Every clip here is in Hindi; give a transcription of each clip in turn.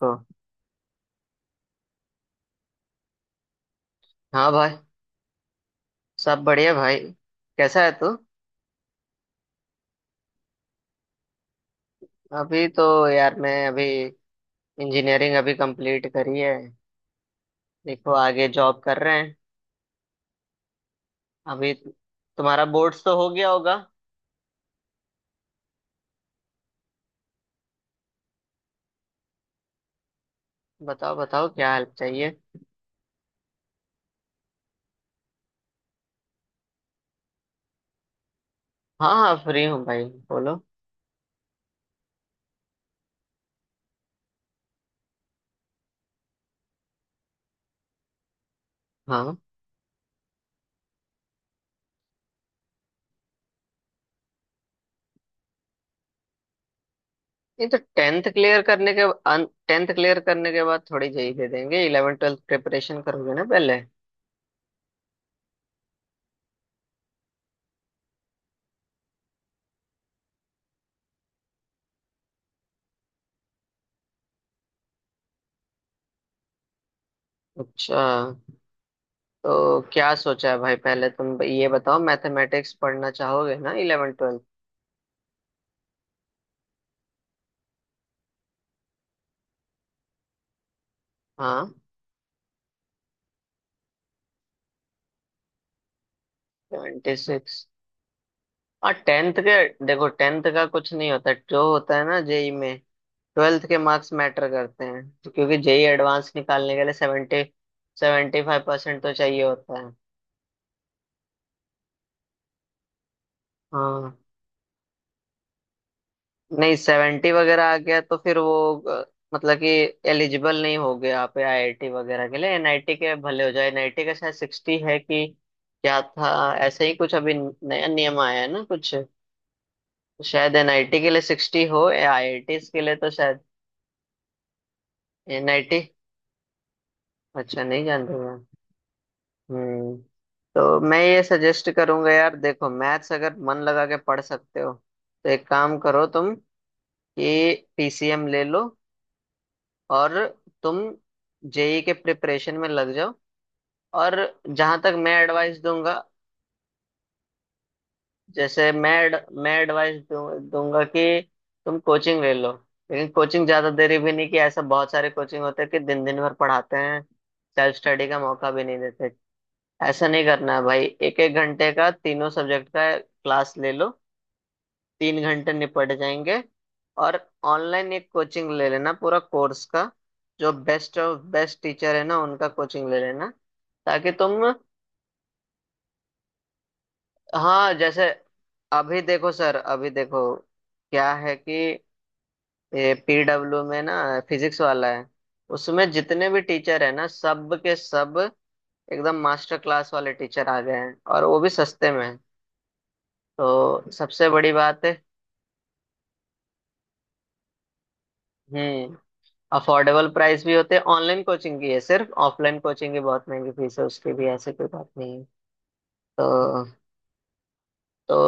हाँ हाँ भाई। सब बढ़िया भाई। कैसा है तू। अभी तो यार मैं अभी इंजीनियरिंग अभी कंप्लीट करी है। देखो आगे जॉब कर रहे हैं। अभी तुम्हारा बोर्ड्स तो हो गया होगा। बताओ बताओ क्या हेल्प चाहिए। हाँ हाँ फ्री हूँ भाई बोलो। हाँ, ये तो टेंथ क्लियर करने के बाद थोड़ी जेई दे देंगे, इलेवन ट्वेल्थ प्रिपरेशन करोगे ना पहले। अच्छा, तो क्या सोचा है भाई, पहले तुम ये बताओ मैथमेटिक्स पढ़ना चाहोगे ना इलेवन ट्वेल्थ। हाँ। 26 और टेंथ के। देखो टेंथ का कुछ नहीं होता, जो होता है ना जेई में ट्वेल्थ के मार्क्स मैटर करते हैं। तो क्योंकि जेई एडवांस निकालने के लिए सेवेंटी सेवेंटी फाइव परसेंट तो चाहिए होता है। हाँ। नहीं, सेवेंटी वगैरह आ गया तो फिर वो मतलब कि एलिजिबल नहीं हो गया आप आईआईटी वगैरह के लिए। एनआईटी के भले हो जाए, एनआईटी का शायद सिक्सटी है कि क्या था। ऐसे ही कुछ अभी नया नियम आया है ना कुछ। शायद एनआईटी के लिए सिक्सटी हो, आईआईटी के लिए तो शायद एनआईटी। अच्छा, नहीं जानते हैं। हम्म। तो मैं ये सजेस्ट करूंगा यार, देखो मैथ्स अगर मन लगा के पढ़ सकते हो तो एक काम करो तुम कि पीसीएम ले लो और तुम जेई के प्रिपरेशन में लग जाओ। और जहां तक मैं एडवाइस दूंगा, जैसे मैं एडवाइस दूंगा कि तुम कोचिंग ले लो। लेकिन कोचिंग ज्यादा देरी भी नहीं, कि ऐसा बहुत सारे कोचिंग होते हैं कि दिन दिन भर पढ़ाते हैं, सेल्फ स्टडी का मौका भी नहीं देते। ऐसा नहीं करना है भाई, एक एक घंटे का तीनों सब्जेक्ट का क्लास ले लो। तीन घंटे निपट जाएंगे। और ऑनलाइन एक कोचिंग ले लेना पूरा कोर्स का। जो बेस्ट ऑफ बेस्ट टीचर है ना उनका कोचिंग ले लेना, ताकि तुम। हाँ, जैसे अभी देखो सर, अभी देखो क्या है कि ये पीडब्ल्यू में ना, फिजिक्स वाला है, उसमें जितने भी टीचर है ना सब के सब एकदम मास्टर क्लास वाले टीचर आ गए हैं, और वो भी सस्ते में। तो सबसे बड़ी बात है। हम्म। अफोर्डेबल प्राइस भी होते हैं, ऑनलाइन कोचिंग की है सिर्फ, ऑफलाइन कोचिंग की बहुत महंगी फीस है उसकी भी, ऐसे कोई बात नहीं है। तो तो।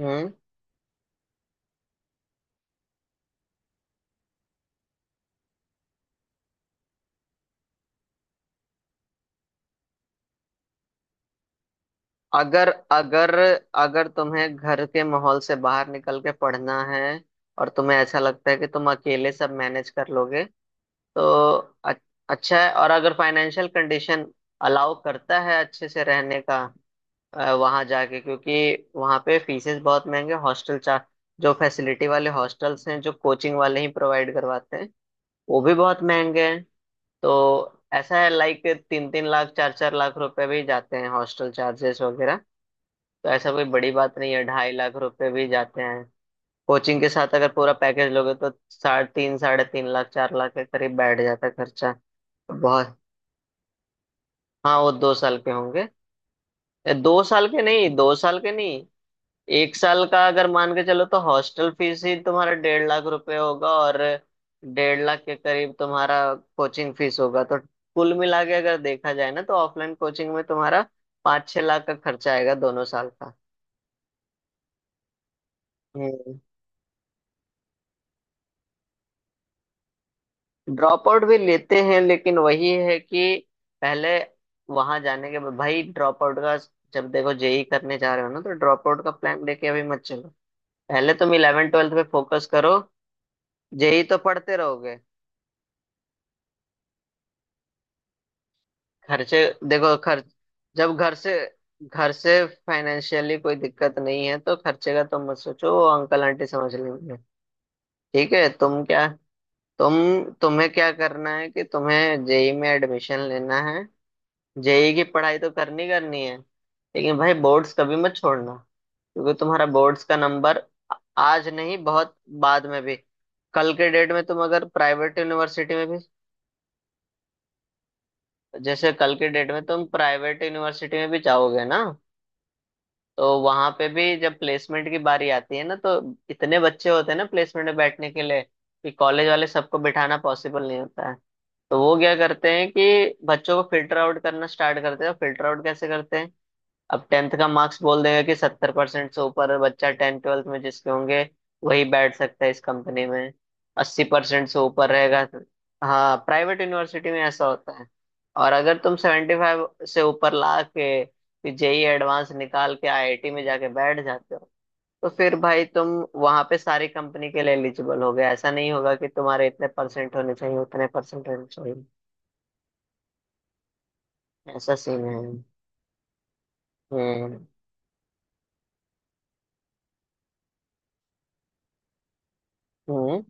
हम्म। अगर अगर अगर तुम्हें घर के माहौल से बाहर निकल के पढ़ना है और तुम्हें ऐसा लगता है कि तुम अकेले सब मैनेज कर लोगे तो अ- अच्छा है। और अगर फाइनेंशियल कंडीशन अलाउ करता है अच्छे से रहने का वहां जाके, क्योंकि वहां पे फीसेस बहुत महंगे, हॉस्टल चार्ज, जो फैसिलिटी वाले हॉस्टल्स हैं जो कोचिंग वाले ही प्रोवाइड करवाते हैं वो भी बहुत महंगे हैं। तो ऐसा है लाइक, तीन तीन लाख चार चार लाख रुपए भी जाते हैं हॉस्टल चार्जेस वगैरह। तो ऐसा कोई बड़ी बात नहीं है, ढाई लाख रुपए भी जाते हैं। कोचिंग के साथ अगर पूरा पैकेज लोगे तो साढ़े तीन लाख चार लाख के करीब बैठ जाता है खर्चा। बहुत। हाँ वो दो साल के होंगे। दो साल के नहीं, दो साल के नहीं। एक साल का अगर मान के चलो तो हॉस्टल फीस ही तुम्हारा 1.5 लाख रुपए होगा, और 1.5 लाख के करीब तुम्हारा कोचिंग फीस होगा। तो कुल मिला के अगर देखा जाए ना, तो ऑफलाइन कोचिंग में तुम्हारा पाँच छह लाख का खर्चा आएगा दोनों साल का। हम्म। ड्रॉप आउट भी लेते हैं, लेकिन वही है कि पहले वहां जाने के बाद भाई ड्रॉप आउट का, जब देखो जेई करने जा रहे हो ना तो ड्रॉप आउट का प्लान लेके अभी मत चलो। पहले तुम इलेवन ट्वेल्थ पे फोकस करो। जेई तो पढ़ते रहोगे। खर्चे। देखो खर्च, जब घर से फाइनेंशियली कोई दिक्कत नहीं है तो खर्चे का तुम मत सोचो, वो अंकल आंटी समझ लेंगे। ठीक है, तुम क्या, तुम तुम्हें क्या करना है कि तुम्हें जेई में एडमिशन लेना है। जेई की पढ़ाई तो करनी करनी है। लेकिन भाई बोर्ड्स कभी मत छोड़ना, क्योंकि तुम्हारा बोर्ड्स का नंबर आज नहीं बहुत बाद में भी, कल के डेट में तुम अगर प्राइवेट यूनिवर्सिटी में भी। जैसे कल के डेट में तुम प्राइवेट यूनिवर्सिटी में भी जाओगे ना, तो वहां पे भी जब प्लेसमेंट की बारी आती है ना, तो इतने बच्चे होते हैं ना प्लेसमेंट में बैठने के लिए कि कॉलेज वाले सबको बिठाना पॉसिबल नहीं होता है। तो वो क्या करते हैं कि बच्चों को फिल्टर आउट करना स्टार्ट करते हैं। फिल्टर आउट कैसे करते हैं, अब टेंथ का मार्क्स बोल देगा कि 70% से ऊपर बच्चा टेंथ ट्वेल्थ में जिसके होंगे वही बैठ सकता है इस कंपनी में, 80% से ऊपर रहेगा। हाँ प्राइवेट यूनिवर्सिटी में ऐसा होता है। और अगर तुम 75 से ऊपर ला के जेई एडवांस निकाल के आईआईटी में जाके बैठ जाते हो, तो फिर भाई तुम वहां पे सारी कंपनी के लिए एलिजिबल हो गए, ऐसा नहीं होगा कि तुम्हारे इतने परसेंट होने चाहिए उतने परसेंट होने चाहिए। ऐसा सीन है। हम्म। हम्म।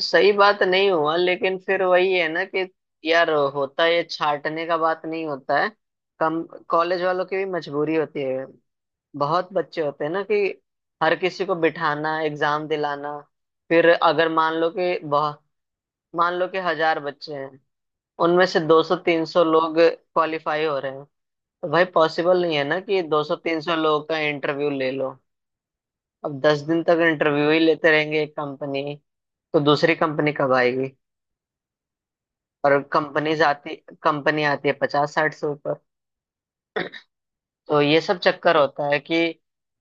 सही बात नहीं हुआ, लेकिन फिर वही है ना कि यार, होता, ये छाटने का बात नहीं होता है, कम, कॉलेज वालों की भी मजबूरी होती है। बहुत बच्चे होते हैं ना कि हर किसी को बिठाना, एग्जाम दिलाना। फिर अगर मान लो कि बहुत, मान लो कि 1000 बच्चे हैं, उनमें से 200-300 लोग क्वालिफाई हो रहे हैं। तो भाई पॉसिबल नहीं है ना कि 200-300 लोगों का इंटरव्यू ले लो। अब 10 दिन तक इंटरव्यू ही लेते रहेंगे एक कंपनी, तो दूसरी कंपनी कब आएगी। और कंपनी आती है पचास साठ से ऊपर। तो ये सब चक्कर होता है कि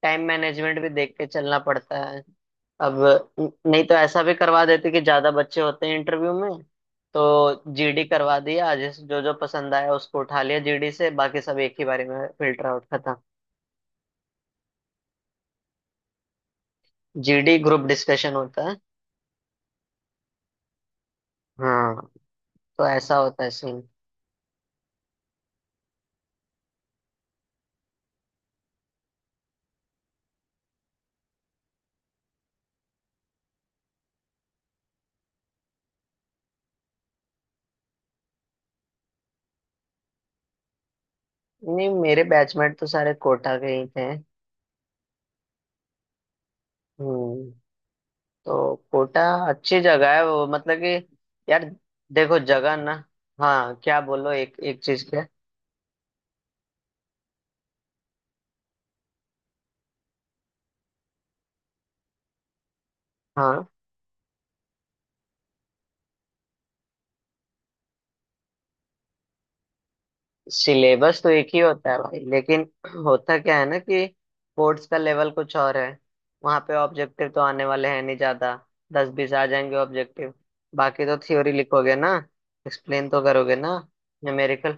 टाइम मैनेजमेंट भी देख के चलना पड़ता है। अब नहीं तो ऐसा भी करवा देते कि ज्यादा बच्चे होते हैं इंटरव्यू में, तो जीडी करवा दिया, जिस जो जो पसंद आया उसको उठा लिया जीडी से, बाकी सब एक ही बारे में फिल्टर आउट खत्म। जीडी ग्रुप डिस्कशन होता है। हाँ। तो ऐसा होता है सीन। नहीं मेरे बैचमेट तो सारे कोटा के ही थे। हम्म। तो कोटा अच्छी जगह है वो, मतलब कि यार देखो जगह ना। हाँ क्या बोलो, एक एक चीज क्या। हाँ, सिलेबस तो एक ही होता है भाई, लेकिन होता क्या है ना कि बोर्ड्स का लेवल कुछ और है। वहाँ पे ऑब्जेक्टिव तो आने वाले हैं नहीं ज्यादा, दस बीस आ जाएंगे ऑब्जेक्टिव। बाकी तो थ्योरी लिखोगे ना, एक्सप्लेन तो करोगे ना, न्यूमेरिकल।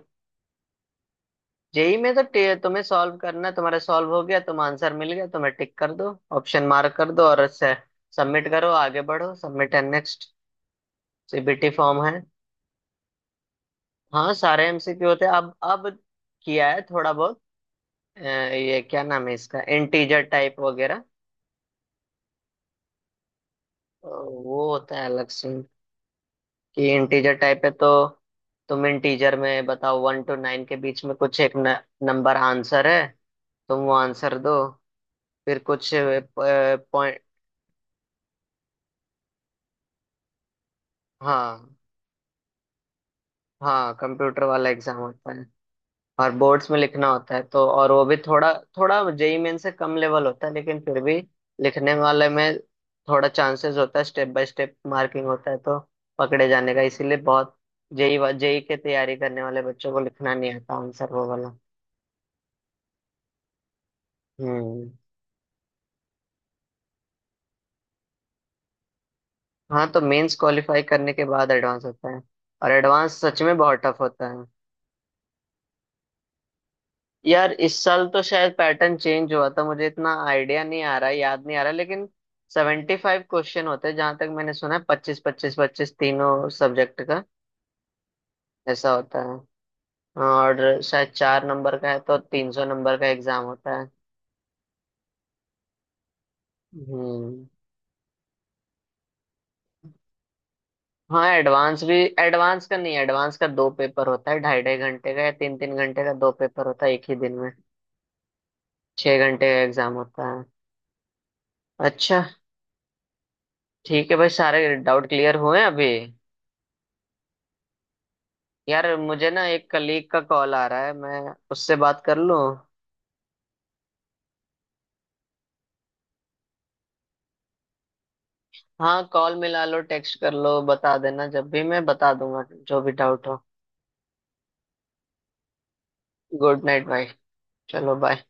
जेई में तो तुम्हें सॉल्व करना है, तुम्हारा सॉल्व हो गया, तुम आंसर मिल गया, तुम्हें टिक कर दो, ऑप्शन मार्क कर दो और सबमिट करो आगे बढ़ो, submit and next. CBT form है। हाँ सारे एमसीक्यू होते हैं। अब किया है थोड़ा बहुत अ, ये क्या नाम है इसका, इंटीजर टाइप वगैरह। वो होता है अलग से, कि इंटीजर टाइप है तो तुम इंटीजर में बताओ वन टू नाइन के बीच में कुछ एक न, नंबर आंसर है, तुम वो आंसर दो। फिर कुछ पॉइंट। हाँ। हाँ कंप्यूटर वाला एग्जाम होता है, और बोर्ड्स में लिखना होता है तो, और वो भी थोड़ा थोड़ा जेई मेन से कम लेवल होता है, लेकिन फिर भी लिखने वाले में थोड़ा चांसेस होता है, स्टेप बाय स्टेप मार्किंग होता है, तो पकड़े जाने का इसीलिए बहुत, जेई जेई के तैयारी करने वाले बच्चों को लिखना नहीं आता आंसर वो वाला। हम्म। हाँ तो मेंस क्वालिफाई करने के बाद एडवांस होता है, और एडवांस सच में बहुत टफ होता है। यार इस साल तो शायद पैटर्न चेंज हुआ था, मुझे इतना आइडिया नहीं आ रहा याद नहीं आ रहा, लेकिन 75 क्वेश्चन होते हैं जहां तक मैंने सुना है, पच्चीस पच्चीस पच्चीस तीनों सब्जेक्ट का, ऐसा होता है। और शायद चार नंबर का है तो 300 नंबर का एग्जाम होता है। हम्म। हाँ एडवांस भी, एडवांस का नहीं, एडवांस का दो पेपर होता है ढाई ढाई घंटे का या तीन तीन घंटे का, दो पेपर होता है एक ही दिन में, 6 घंटे का एग्जाम होता है। अच्छा। ठीक है भाई, सारे डाउट क्लियर हुए अभी। यार मुझे ना एक कलीग का कॉल आ रहा है, मैं उससे बात कर लूं। हाँ, कॉल मिला लो टेक्स्ट कर लो, बता देना जब भी, मैं बता दूंगा जो भी डाउट हो। गुड नाइट भाई। चलो बाय।